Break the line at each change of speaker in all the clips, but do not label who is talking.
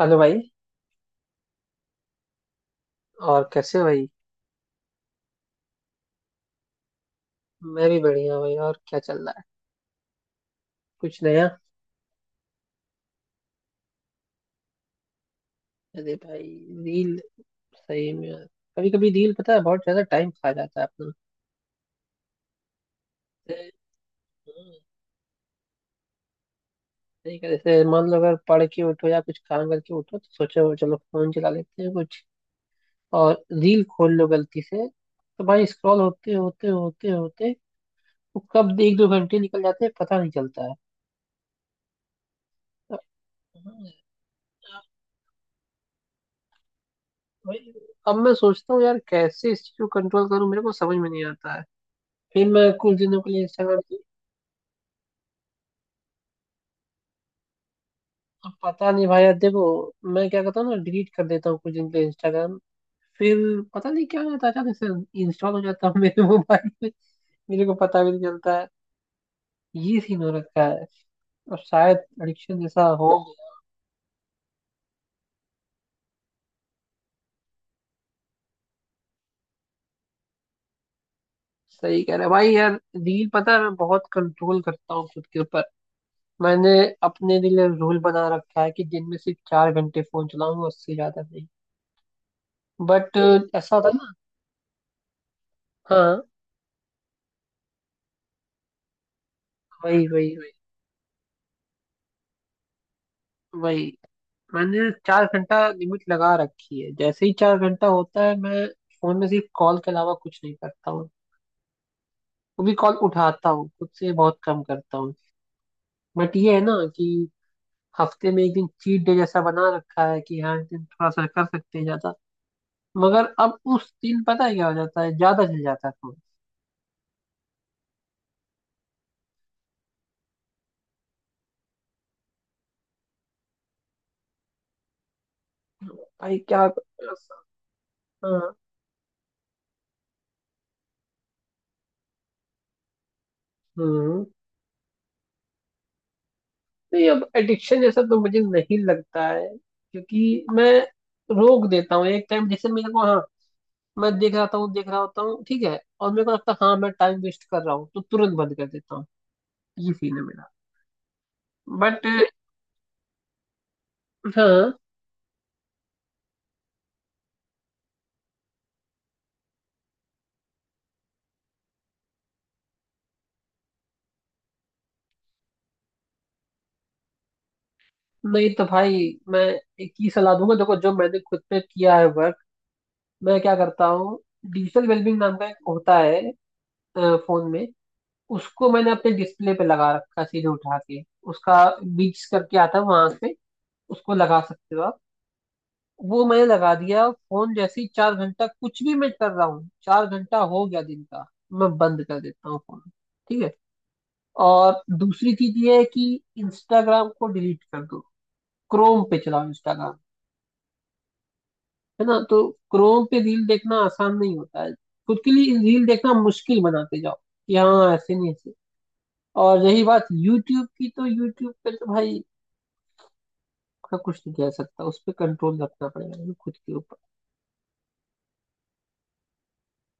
Hello भाई। और कैसे हो भाई? मैं भी बढ़िया हूँ भाई। और क्या चल रहा है, कुछ नया? अरे भाई, रील! सही में, कभी कभी रील पता है बहुत ज्यादा टाइम खा जाता है अपना। जैसे- हम्म, जैसे मान लो, अगर पढ़ के उठो या कुछ काम करके उठो तो सोचो चलो फोन चला लेते हैं कुछ, और रील खोल लो गलती से, तो भाई स्क्रॉल होते होते, वो कब एक दो घंटे निकल जाते हैं पता नहीं चलता है। तो, हम्म, अब भाई, अब मैं सोचता हूँ यार कैसे इस चीज को कंट्रोल करूँ, मेरे को समझ में नहीं आता है। फिर मैं कुछ दिनों के लिए इंस्टाग्राम, अब पता नहीं भाई, यार देखो, मैं क्या करता हूँ ना, डिलीट कर देता हूँ कुछ दिन के लिए इंस्टाग्राम। फिर पता नहीं क्या हो जाता है, अचानक से इंस्टॉल हो जाता है मेरे मोबाइल में, मेरे को पता भी नहीं चलता है। ये सीन हो रखा है, और शायद एडिक्शन जैसा हो गया। सही कह रहे हो भाई। यार रील पता है मैं बहुत कंट्रोल करता हूँ खुद के ऊपर। मैंने अपने लिए रूल बना रखा है कि दिन में सिर्फ 4 घंटे फोन चलाऊंगा, उससे ज्यादा नहीं। बट ऐसा था ना। हाँ। वही वही वही, वही। मैंने 4 घंटा लिमिट लगा रखी है। जैसे ही 4 घंटा होता है, मैं फोन में सिर्फ कॉल के अलावा कुछ नहीं करता हूँ। वो भी कॉल उठाता हूँ, खुद से बहुत कम करता हूँ। बट ये है ना कि हफ्ते में एक दिन चीट डे जैसा बना रखा है कि हाँ, इस दिन थोड़ा सा कर सकते हैं ज्यादा। मगर अब उस दिन पता है क्या हो जाता है, ज्यादा चल जाता है फोन। भाई क्या। हाँ। हम्म। नहीं, अब एडिक्शन जैसा तो मुझे नहीं लगता है क्योंकि मैं रोक देता हूँ एक टाइम। जैसे मेरे को, हाँ, मैं देख रहा हूँ, देख रहा होता हूँ ठीक है, और मेरे को लगता है हाँ मैं टाइम वेस्ट कर रहा हूँ, तो तुरंत बंद कर देता हूँ। ये सीन है मेरा। बट हाँ, नहीं तो भाई, मैं एक ही सलाह दूंगा, देखो, जो मैंने खुद पे किया है वर्क। मैं क्या करता हूँ, डिजिटल वेलबींग नाम का एक होता है फोन में, उसको मैंने अपने डिस्प्ले पे लगा रखा है सीधे उठा के। उसका बीच करके आता है वहां पे, उसको लगा सकते हो आप। वो मैंने लगा दिया। फोन जैसे ही 4 घंटा, कुछ भी मैं कर रहा हूँ, 4 घंटा हो गया दिन का, मैं बंद कर देता हूँ फोन। ठीक है। और दूसरी चीज ये है कि इंस्टाग्राम को डिलीट कर दो, क्रोम पे चलाओ इंस्टाग्राम, है ना? तो क्रोम पे रील देखना आसान नहीं होता है। खुद के लिए रील देखना मुश्किल बनाते जाओ, कि हाँ ऐसे नहीं, ऐसे। और रही बात यूट्यूब की, तो यूट्यूब पे तो भाई उसका कुछ नहीं कह सकता, उस पर कंट्रोल रखना पड़ेगा खुद के ऊपर।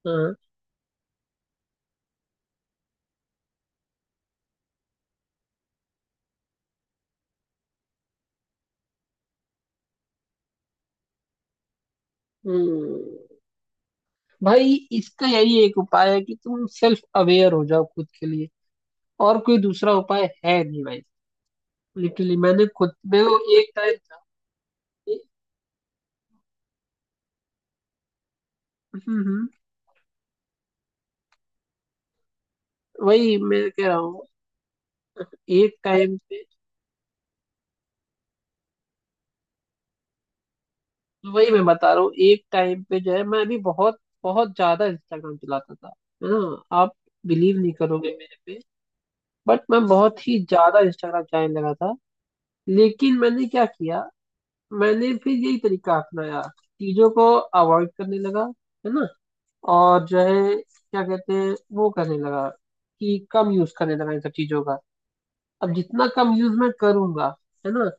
हाँ। हम्म। भाई इसका यही एक उपाय है कि तुम सेल्फ अवेयर हो जाओ खुद के लिए, और कोई दूसरा उपाय है नहीं भाई। लिटरली मैंने खुद, मैं वो एक टाइम था, ए- हम्म हम्म, वही मैं कह रहा हूँ, एक टाइम पे, वही मैं बता रहा हूँ, एक टाइम पे जो है मैं भी बहुत बहुत ज्यादा इंस्टाग्राम चलाता था, है ना? आप बिलीव नहीं करोगे मेरे पे, बट मैं बहुत ही ज्यादा इंस्टाग्राम चलाने लगा था। लेकिन मैंने क्या किया, मैंने फिर यही तरीका अपनाया, चीजों को अवॉइड करने लगा, है ना। और जो है क्या कहते हैं, वो करने लगा, कि कम यूज करने लगा इन सब चीजों का। अब जितना कम यूज मैं करूंगा, है ना,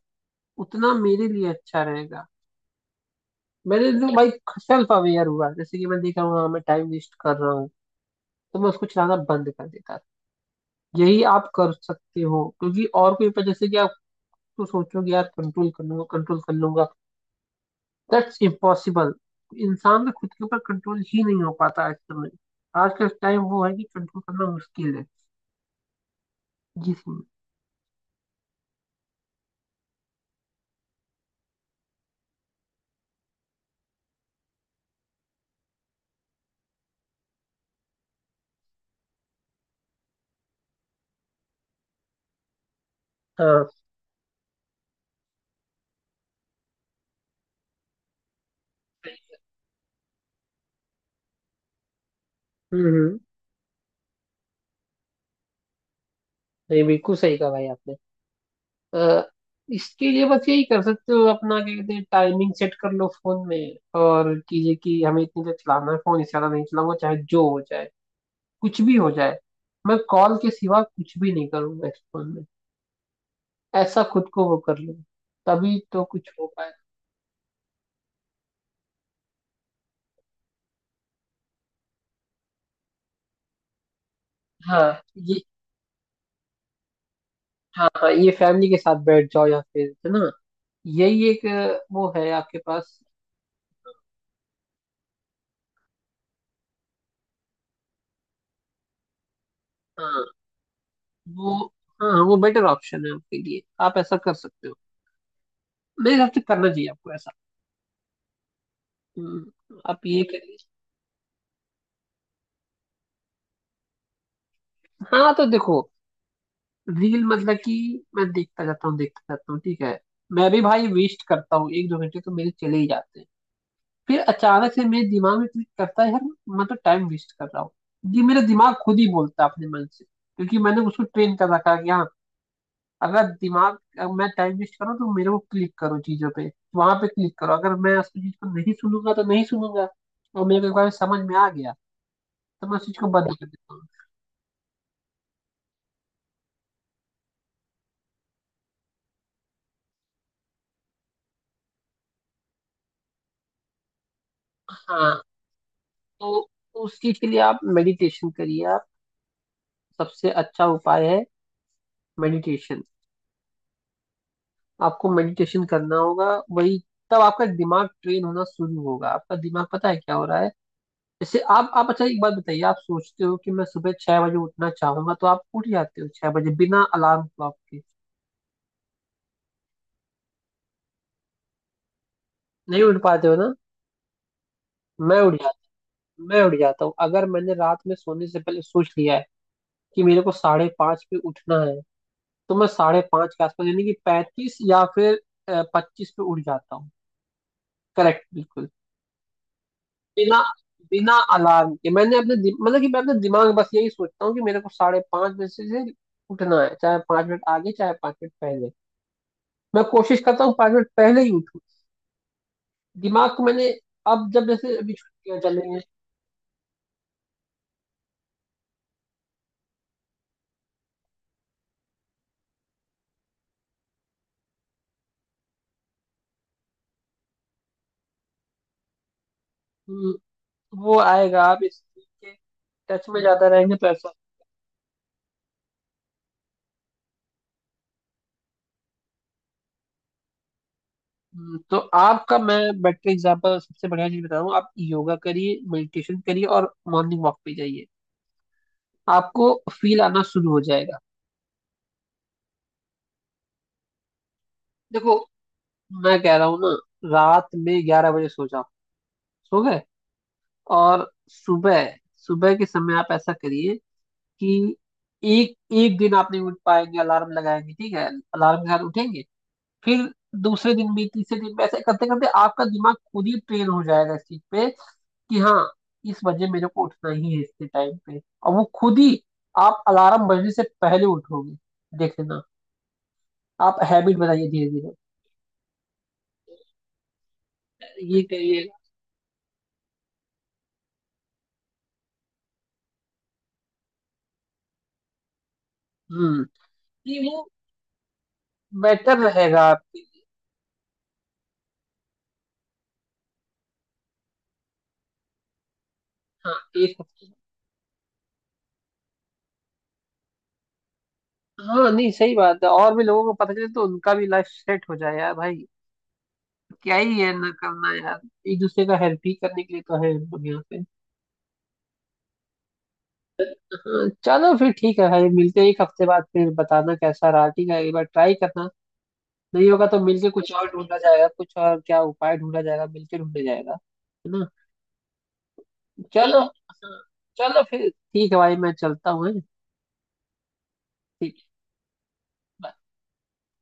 उतना मेरे लिए अच्छा रहेगा। मैंने एकदम भाई सेल्फ अवेयर हुआ। जैसे कि मैं देख रहा हूँ, हाँ मैं टाइम वेस्ट कर रहा हूँ, तो मैं उसको चलाना बंद कर देता। यही आप कर सकते हो, क्योंकि और कोई, पर जैसे कि आप तो सोचोगे यार कंट्रोल कर लूंगा, कंट्रोल कर लूंगा, दैट्स इम्पॉसिबल। इंसान का खुद के ऊपर कंट्रोल ही नहीं हो पाता आज के समय। आज का टाइम वो है कि कंट्रोल करना मुश्किल है। जी। हाँ। हम्म हम्म, ये बिल्कुल सही कहा भाई आपने। अ, इसके लिए बस यही कर सकते हो, अपना क्या कहते हैं, टाइमिंग सेट कर लो फोन में और कीजिए कि हमें इतनी देर चलाना है फोन, इससे ज्यादा नहीं चलाऊंगा चाहे जो हो जाए, कुछ भी हो जाए, मैं कॉल के सिवा कुछ भी नहीं करूंगा इस फोन में। ऐसा खुद को वो कर लो, तभी तो कुछ हो पाए। हाँ ये। हाँ, हाँ, ये फैमिली के साथ बैठ जाओ, या फिर है ना, यही एक वो है आपके पास। हाँ वो, हाँ वो बेटर ऑप्शन है आपके लिए, आप ऐसा कर सकते हो। मेरे हिसाब से करना चाहिए आपको ऐसा। आप ये करिए। हाँ तो देखो, रील मतलब कि मैं देखता जाता हूँ, देखता जाता हूँ ठीक है, मैं भी भाई वेस्ट करता हूँ, एक दो घंटे तो मेरे चले ही जाते हैं। फिर अचानक से मेरे दिमाग में क्लिक करता है, यार मैं तो टाइम वेस्ट कर रहा हूँ। ये मेरा दिमाग खुद ही बोलता है अपने मन से, क्योंकि मैंने उसको ट्रेन कर रखा है कि हाँ, अगर दिमाग, अगर मैं टाइम वेस्ट करूँ तो मेरे को क्लिक करो चीजों पे, वहां पे क्लिक करो। अगर मैं उस चीज को नहीं सुनूंगा तो नहीं सुनूंगा, और मेरे को एक बार समझ में आ गया तो मैं उस चीज को बंद कर देता हूँ। हाँ। तो उस चीज के लिए आप मेडिटेशन करिए। आप सबसे अच्छा उपाय है मेडिटेशन, आपको मेडिटेशन करना होगा। वही, तब आपका दिमाग ट्रेन होना शुरू होगा। आपका दिमाग पता है क्या हो रहा है, जैसे आप अच्छा एक बात बताइए, आप सोचते हो कि मैं सुबह 6 बजे उठना चाहूंगा, तो आप उठ जाते हो 6 बजे बिना अलार्म क्लॉक के? नहीं उठ पाते हो ना। मैं उठ जाता, मैं उठ जाता हूँ अगर मैंने रात में सोने से पहले सोच लिया है कि मेरे को 5:30 पे उठना है, तो मैं 5:30 के आसपास, यानी कि पैंतीस या फिर पच्चीस पे उठ जाता हूँ। करेक्ट, बिल्कुल। बिना बिना अलार्म के मैंने अपने मतलब कि मैं अपने दिमाग में बस यही सोचता हूँ कि मेरे को 5:30 बजे से उठना है, चाहे 5 मिनट आगे चाहे 5 मिनट पहले, मैं कोशिश करता हूँ 5 मिनट पहले ही उठूँ। दिमाग को मैंने अब जब, जैसे अभी छुट्टियां चल रही हैं। हम्म, वो आएगा, आप इस चीज के टच में ज्यादा रहेंगे तो ऐसा। तो आपका, मैं बेटर एग्जाम्पल सबसे बढ़िया चीज बता रहा हूँ, आप योगा करिए, मेडिटेशन करिए और मॉर्निंग वॉक पे जाइए। आपको फील आना शुरू हो जाएगा। देखो, मैं कह रहा हूँ ना, रात में 11 बजे सो जाओ। सो गए, और सुबह, सुबह के समय आप ऐसा करिए कि एक एक दिन आप नहीं उठ पाएंगे, अलार्म लगाएंगे ठीक है, अलार्म के साथ उठेंगे। फिर दूसरे दिन भी, तीसरे दिन भी, ऐसे करते करते आपका दिमाग खुद ही ट्रेन हो जाएगा इस चीज पे कि हाँ, इस बजे मेरे को उठना ही है, इसके टाइम पे, और वो खुद ही आप अलार्म बजने से पहले उठोगे, देखना। आप हैबिट बनाइए धीरे धीरे। ये करिएगा। हम्म। ये वो बेटर रहेगा आपके लिए। हाँ। एक हफ्ते, हाँ नहीं सही बात है, और भी लोगों को पता चले तो उनका भी लाइफ सेट हो जाए यार भाई। क्या ही है ना करना यार, एक दूसरे का हेल्प ही करने के लिए तो है हम लोग यहाँ पे। हाँ, चलो फिर ठीक है भाई, मिलते हैं एक हफ्ते बाद, फिर बताना कैसा रहा, ठीक है? एक बार ट्राई करना, नहीं होगा तो मिलके कुछ और ढूंढा जाएगा, कुछ और क्या उपाय ढूंढा जाएगा, मिलके ढूंढा जाएगा, है ना? चलो हाँ, चलो फिर ठीक है भाई, मैं चलता हूँ, हैं? ठीक है, bye।